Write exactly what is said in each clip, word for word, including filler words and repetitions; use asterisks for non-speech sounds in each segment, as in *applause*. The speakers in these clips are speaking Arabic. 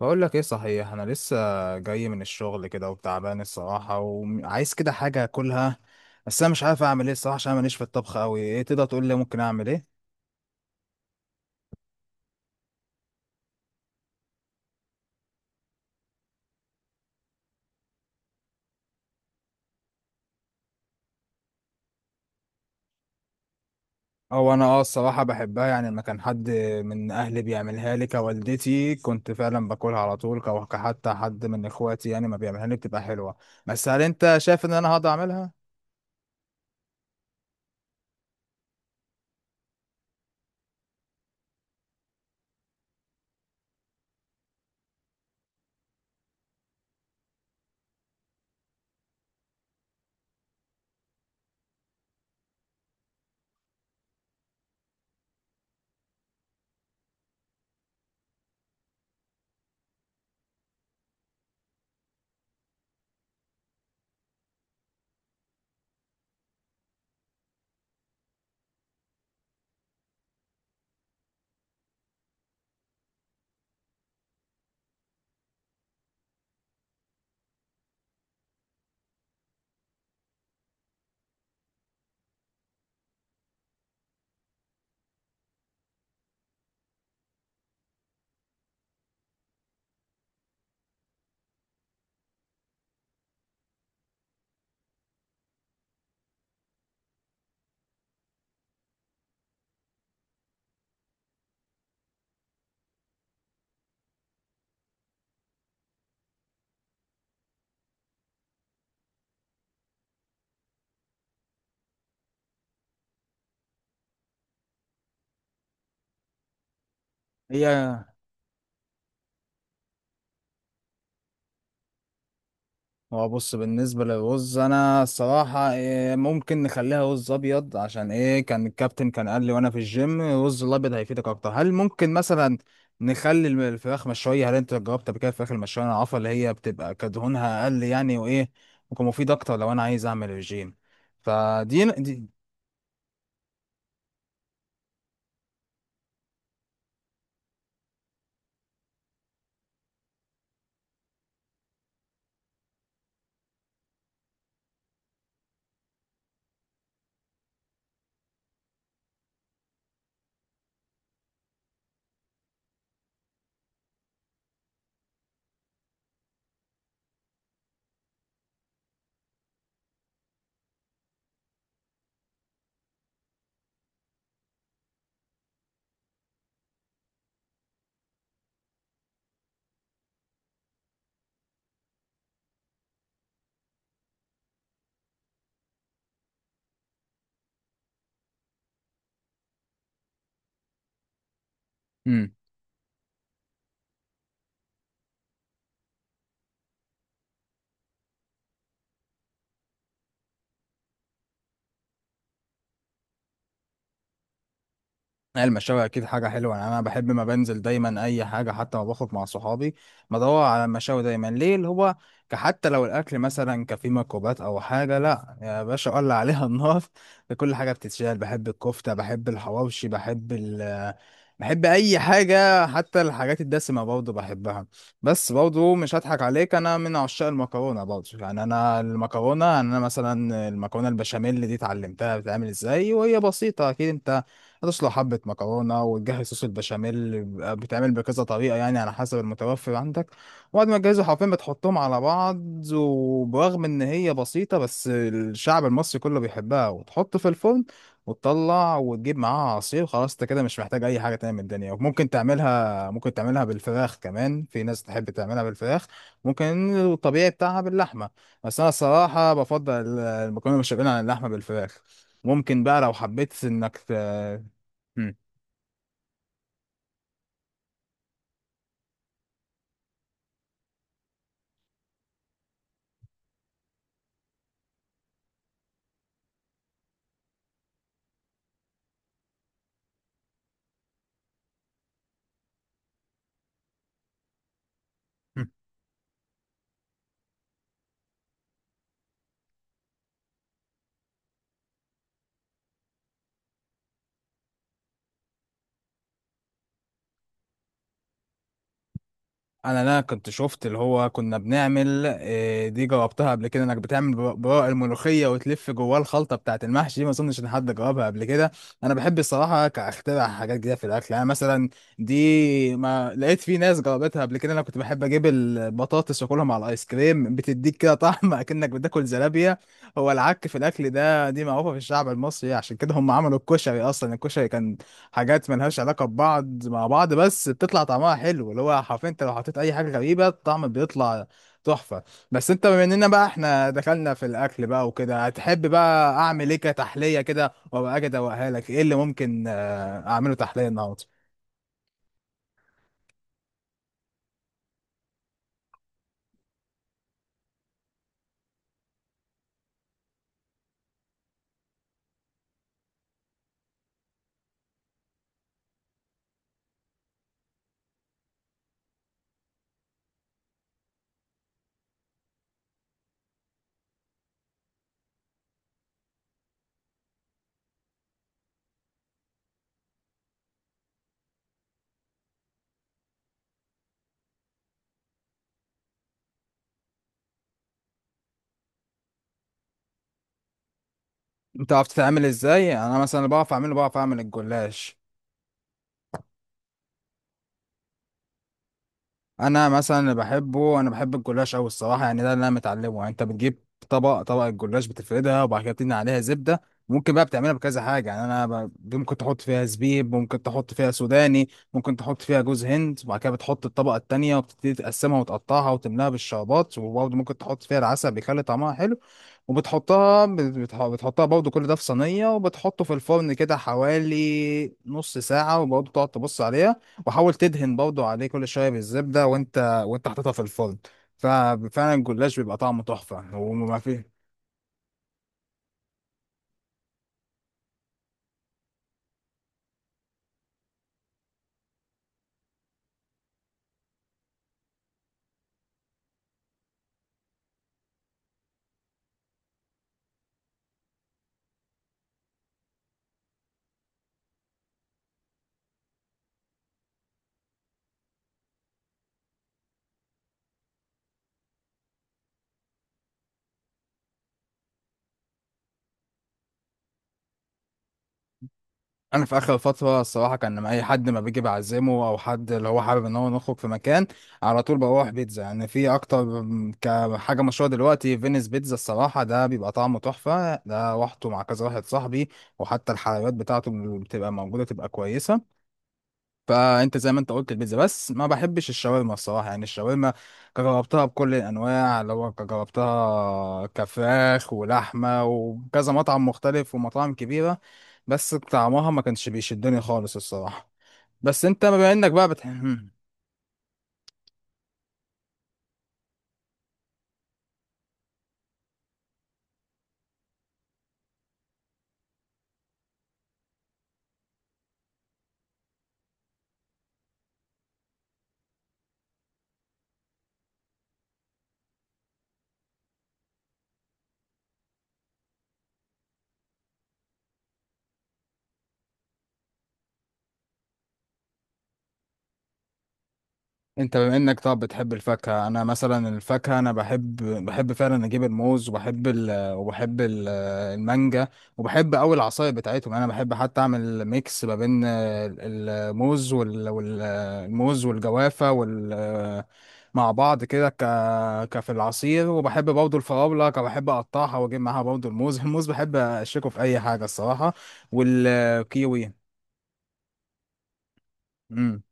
بقول لك ايه؟ صحيح انا لسه جاي من الشغل كده وتعبان الصراحه، وعايز كده حاجه اكلها. بس انا مش عارف اعمل ايه الصراحه، عشان أنا ماليش في الطبخ قوي. ايه تقدر تقول لي ممكن اعمل ايه؟ او انا اه الصراحه بحبها، يعني لما كان حد من اهلي بيعملها لي كوالدتي كنت فعلا باكلها على طول، كو- كحتى حد من اخواتي يعني ما بيعملها لي بتبقى حلوه. بس هل انت شايف ان انا هقدر اعملها؟ هي هو بص، بالنسبة للرز أنا الصراحة إيه، ممكن نخليها رز أبيض، عشان إيه كان الكابتن كان قال لي وأنا في الجيم الرز الأبيض هيفيدك أكتر. هل ممكن مثلا نخلي الم- الفراخ مشوية؟ هل أنت جربت قبل كده الفراخ المشوية؟ أنا عارفة اللي هي بتبقى كدهونها أقل يعني، وإيه ممكن مفيد أكتر لو أنا عايز أعمل رجيم. فدي دي. مم. المشاوي اكيد حاجه حلوه، يعني انا بحب ما بنزل دايما اي حاجه، حتى ما باخد مع صحابي بدور على المشاوي دايما. ليه؟ اللي هو ك- حتى لو الاكل مثلا كفيه ميكروبات او حاجه، لا يا باشا اولع عليها النار. *laughs* كل حاجه بتتشال. بحب الكفته، بحب الحواوشي، بحب ال *hesitation* بحب اي حاجه، حتى الحاجات الدسمه برضه بحبها. بس برضه مش هضحك عليك، انا من عشاق المكرونه برضه، يعني انا المكرونه، يعني انا مثلا المكرونه البشاميل دي اتعلمتها بتتعمل ازاي. وهي بسيطه اكيد، انت هتسلق حبة مكرونة وتجهز صوص البشاميل، بيبقى بيتعمل بكذا طريقة يعني على حسب المتوفر عندك. وبعد ما تجهزه حرفيا بتحطهم على بعض. وبرغم إن هي بسيطة بس الشعب المصري كله بيحبها. وتحط في الفرن وتطلع وتجيب معاها عصير، خلاص انت كده مش محتاج اي حاجه تانية من الدنيا. وممكن تعملها، ممكن تعملها بالفراخ كمان، في ناس تحب تعملها بالفراخ. ممكن الطبيعي بتاعها باللحمه، بس انا الصراحه بفضل المكرونه بالبشاميل عن اللحمه بالفراخ. ممكن بقى لو حبيت انك ت- مم. مم. انا انا كنت شفت اللي هو كنا بنعمل آه، دي جاوبتها قبل كده، انك بتعمل بر- براء الملوخيه وتلف جواه الخلطه بتاعه المحشي دي، ما اظنش ان حد جاوبها قبل كده. انا بحب الصراحه كاخترع حاجات جديده في الاكل، يعني مثلا دي ما لقيت في ناس جاوبتها قبل كده. انا كنت بحب اجيب البطاطس واكلها مع الايس كريم، بتديك كده طعم، *laughs* اكنك بتاكل زلابيه. هو العك في الاكل ده دي معروفه في الشعب المصري، عشان كده هم عملوا الكشري. اصلا الكشري كان حاجات ملهاش علاقة ببعض مع بعض، بس بتطلع طعمها حلو، اللي هو حرفيا انت لو حطيت اي حاجة غريبة الطعم بيطلع تحفة. بس انت بما اننا بقى احنا دخلنا في الاكل بقى وكده، هتحب بقى اعمل ايه كتحلية كده وابقى اجي ادوقها لك؟ ايه اللي ممكن آه، اعمله تحلية النهاردة؟ انت عرفت تعمل ازاي؟ يعني انا مثلا بعرف اعمله، بعرف اعمل الجلاش. انا مثلا اللي بحبه، انا بحب الجلاش قوي الصراحه، يعني ده اللي انا متعلمه. يعني انت بتجيب طبق، طبق الجلاش بتفردها وبعد كده بتدهن عليها زبده. ممكن بقى بتعملها بكذا حاجه، يعني انا ب... ممكن تحط فيها زبيب، ممكن تحط فيها سوداني، ممكن تحط فيها جوز هند. وبعد كده بتحط الطبقه التانيه، وبتبتدي تقسمها وتقطعها وتملاها بالشربات، وبرضه ممكن تحط فيها العسل بيخلي طعمها حلو. وبتحطها بت- بتح- بتحطها برضه، كل ده في صينيه، وبتحطه في الفرن كده حوالي نص ساعه، وبرضه تقعد تبص عليها. وحاول تدهن برضه عليه كل شويه بالزبده، وانت وانت حاططها في الفرن. ففعلا الجلاش بيبقى طعمه تحفه وما فيه. انا في اخر فتره الصراحه كان لما اي حد ما بيجي بعزمه او حد اللي هو حابب ان هو نخرج في مكان على طول بروح بيتزا، يعني في اكتر م- كحاجه مشهوره دلوقتي فينيس بيتزا الصراحه، ده بيبقى طعمه تحفه، ده روحته مع كذا واحد صاحبي. وحتى الحلويات بتاعته بتبقى موجوده تبقى كويسه. فانت زي ما انت قلت البيتزا، بس ما بحبش الشاورما الصراحه. يعني الشاورما جربتها بكل الانواع، اللي هو جربتها كفراخ ولحمه وكذا مطعم مختلف ومطاعم كبيره، بس طعمها ما كانش بيشدني خالص الصراحه. بس انت بما انك بقى بتحب، انت بما انك طب بتحب الفاكهة، انا مثلا الفاكهة انا بحب، بحب فعلا اجيب الموز. وبحب ال... وبحب ال... المانجا. وبحب اوي العصاير بتاعتهم، يعني انا بحب حتى اعمل ميكس ما بين ال- الموز وال... وال... الموز والجوافة وال... مع بعض كده ك... كفي العصير. وبحب برضه الفراولة، بحب اقطعها واجيب معاها برضه الموز. *laughs* الموز بحب اشيكه في اي حاجة الصراحة. والكيوي. مم.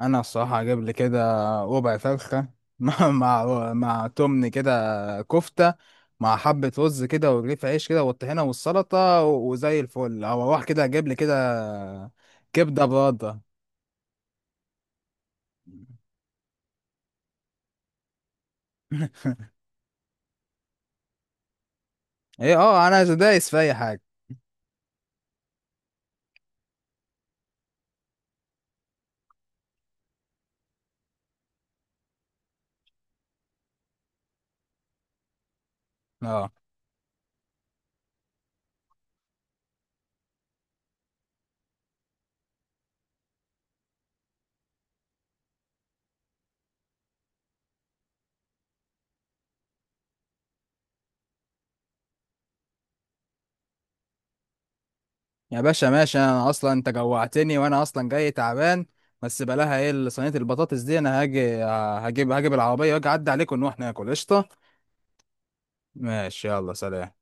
انا الصراحه اجيب لي كده ربع فرخه، *laughs* مع مع مع تمن كده كفته، مع حبه رز كده، ورغيف عيش كده، والطحينه والسلطه، وزي الفل. او اروح كده اجيب لي كده كبده برده. *laughs* ايه اه، انا دايس في اي حاجه. اه يا باشا ماشي، انا اصلا انت جوعتني، وانا اصلا جاي تعبان. بس بلاها ايه صينيه البطاطس دي، انا هاجي آه، هجيب هجيب العربيه واجي اعدي عليكم ونروح ناكل قشطه. ماشي يلا سلام.